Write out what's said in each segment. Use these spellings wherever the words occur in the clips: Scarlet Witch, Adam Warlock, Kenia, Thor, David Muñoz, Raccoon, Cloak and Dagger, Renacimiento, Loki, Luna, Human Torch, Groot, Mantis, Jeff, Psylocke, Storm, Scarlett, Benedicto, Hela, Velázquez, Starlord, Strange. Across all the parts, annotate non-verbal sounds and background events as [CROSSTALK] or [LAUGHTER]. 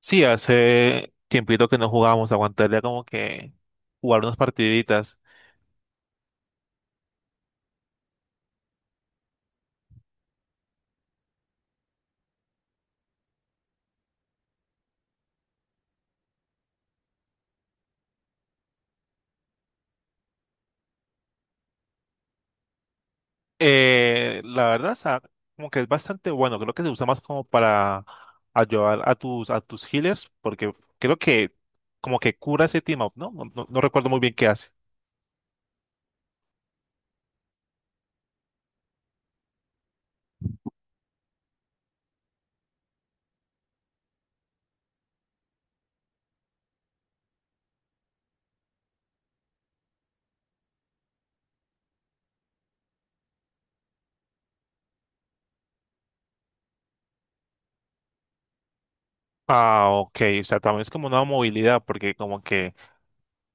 Sí, hace tiempito que no jugábamos, aguantaría como que jugar unas partiditas. La verdad, o sea, como que es bastante bueno, creo que se usa más como para ayudar a tus healers, porque creo que como que cura ese team up, ¿no? No recuerdo muy bien qué hace. Ah, ok, o sea, también es como una movilidad, porque como que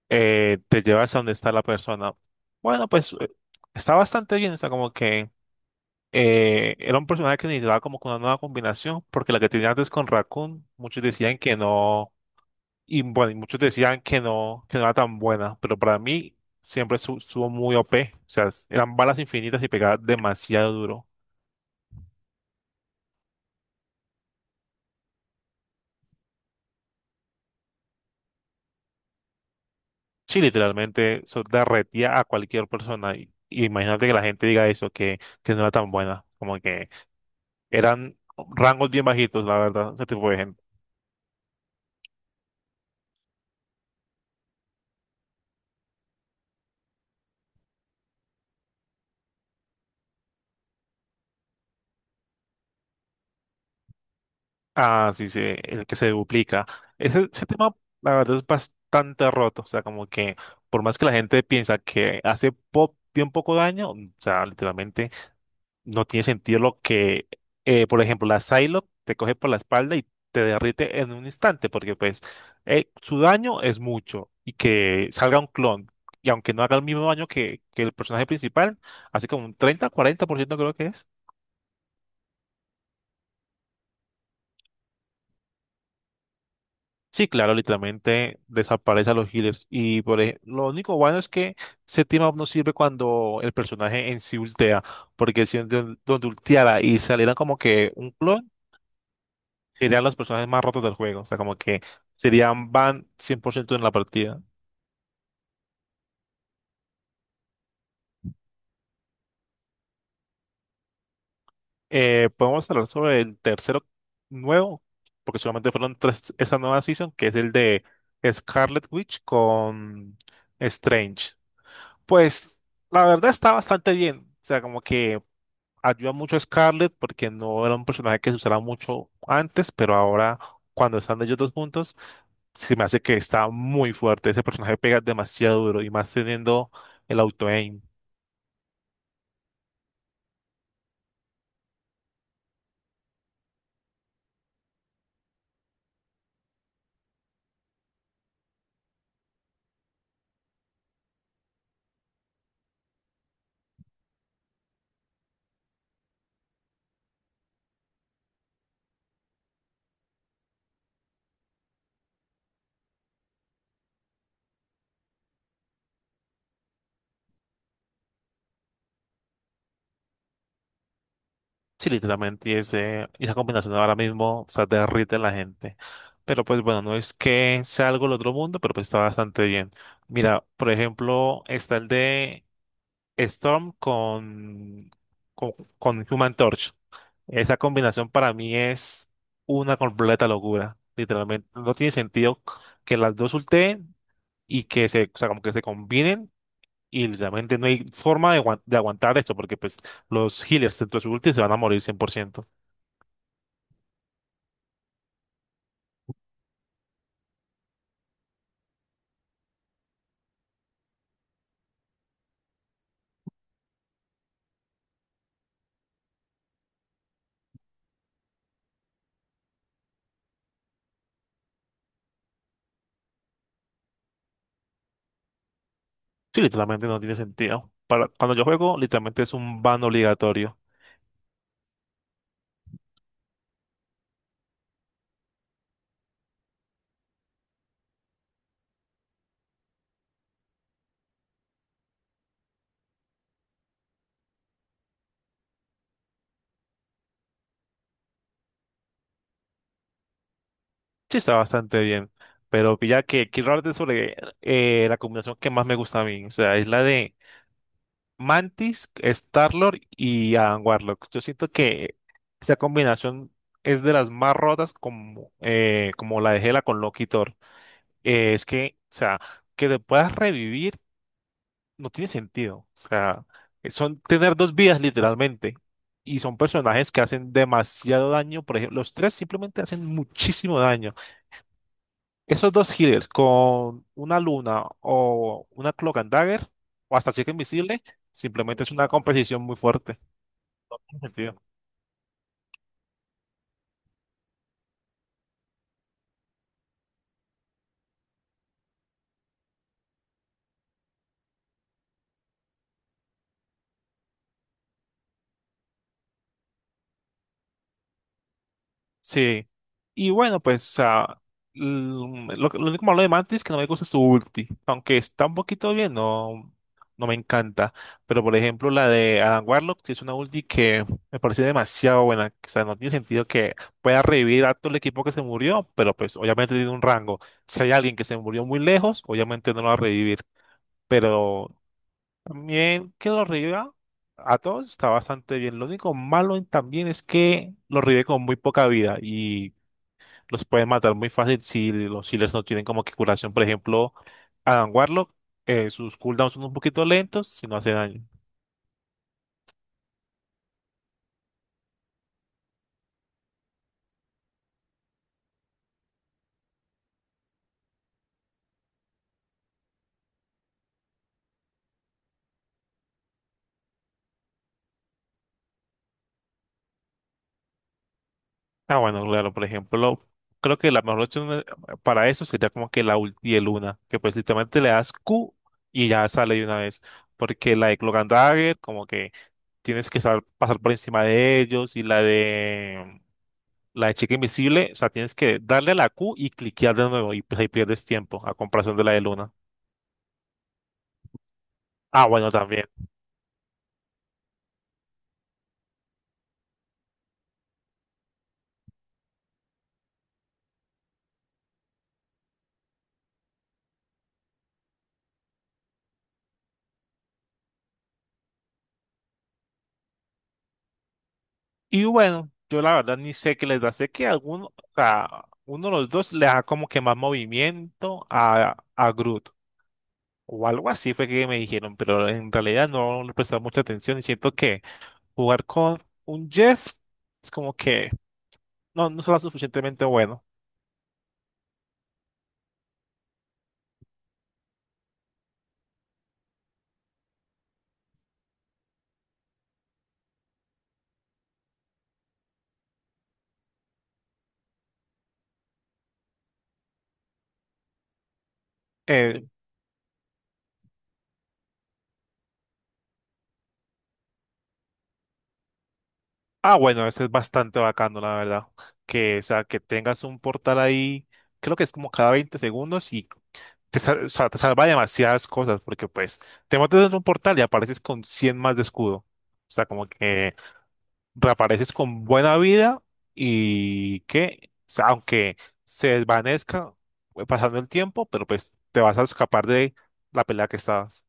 te llevas a donde está la persona. Bueno, pues está bastante bien, o sea, como que... era un personaje que necesitaba como que una nueva combinación, porque la que tenía antes con Raccoon, muchos decían que no, y bueno, y muchos decían que no era tan buena, pero para mí siempre estuvo muy OP, o sea, eran balas infinitas y pegaba demasiado duro. Sí, literalmente eso derretía a cualquier persona. Y imagínate que la gente diga eso, que no era tan buena. Como que eran rangos bien bajitos, la verdad, ese tipo de gente. Ah, sí, sí, el que se duplica. Ese tema, la verdad, es bastante roto. O sea, como que por más que la gente piensa que hace bien poco daño, o sea, literalmente no tiene sentido por ejemplo, la Psylocke te coge por la espalda y te derrite en un instante, porque pues su daño es mucho y que salga un clon. Y aunque no haga el mismo daño que el personaje principal, así como un 30, 40% creo que es. Sí, claro, literalmente desaparece a los healers. Y por lo único bueno es que ese team up no sirve cuando el personaje en sí ultea. Porque si donde ulteara y saliera como que un clon, serían los personajes más rotos del juego. O sea, como que serían van 100% en la partida. Podemos hablar sobre el tercero nuevo, porque solamente fueron tres esta nueva season, que es el de Scarlet Witch con Strange. Pues la verdad está bastante bien. O sea, como que ayuda mucho a Scarlett porque no era un personaje que se usara mucho antes, pero ahora cuando están ellos dos juntos, se me hace que está muy fuerte. Ese personaje pega demasiado duro y más teniendo el auto-aim. Sí, literalmente, y esa combinación ahora mismo, o sea, derrite a la gente. Pero pues bueno, no es que sea algo del otro mundo, pero pues está bastante bien. Mira, por ejemplo, está el de Storm con, con Human Torch. Esa combinación para mí es una completa locura. Literalmente, no tiene sentido que las dos ulteen y que o sea, como que se combinen y literalmente no hay forma de aguantar esto porque pues los healers dentro de su ulti se van a morir 100%. Sí, literalmente no tiene sentido. Para, cuando yo juego, literalmente es un ban obligatorio. Sí, está bastante bien. Pero ya que quiero hablarte sobre la combinación que más me gusta a mí. O sea, es la de Mantis, Starlord y Adam Warlock. Yo siento que esa combinación es de las más rotas como, como la de Hela con Loki y Thor. Es o sea, que te puedas revivir no tiene sentido. O sea, son tener dos vidas literalmente. Y son personajes que hacen demasiado daño. Por ejemplo, los tres simplemente hacen muchísimo daño. Esos dos healers con una luna o una cloak and dagger o hasta chica invisible, simplemente es una competición muy fuerte. [LAUGHS] Sí. Y bueno, pues, o sea, l- lo único malo de Mantis es que no me gusta su ulti. Aunque está un poquito bien, no, no me encanta. Pero por ejemplo, la de Adam Warlock, sí es una ulti que me parece demasiado buena. O sea, no tiene sentido que pueda revivir a todo el equipo que se murió, pero pues obviamente tiene un rango. Si hay alguien que se murió muy lejos, obviamente no lo va a revivir. Pero también que lo reviva a todos está bastante bien. Lo único malo también es que lo revive con muy poca vida y los pueden matar muy fácil si los healers no tienen como que curación. Por ejemplo, Adam Warlock, sus cooldowns son un poquito lentos si no hace daño. Ah, bueno, claro, por ejemplo, creo que la mejor opción para eso sería como que la ulti de Luna, que pues literalmente le das Q y ya sale de una vez. Porque la de Cloak and Dagger, como que tienes que saber pasar por encima de ellos y la de... La de chica invisible, o sea, tienes que darle a la Q y cliquear de nuevo y pues ahí pierdes tiempo a comparación de la de Luna. Ah, bueno, también. Y bueno, yo la verdad ni sé qué les da. Sé que alguno, o sea, uno de los dos le da como que más movimiento a Groot. O algo así fue que me dijeron, pero en realidad no le prestaba mucha atención y siento que jugar con un Jeff es como que no, no será suficientemente bueno. Eh, bueno, ese es bastante bacano, la verdad. Que, o sea, que tengas un portal ahí, creo que es como cada 20 segundos y o sea, te salva de demasiadas cosas, porque pues te metes en un portal y apareces con 100 más de escudo. O sea, como que reapareces con buena vida y que, o sea, aunque se desvanezca pasando el tiempo, pero pues te vas a escapar de la pelea que estabas.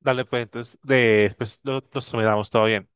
Dale, pues entonces nos terminamos todo bien.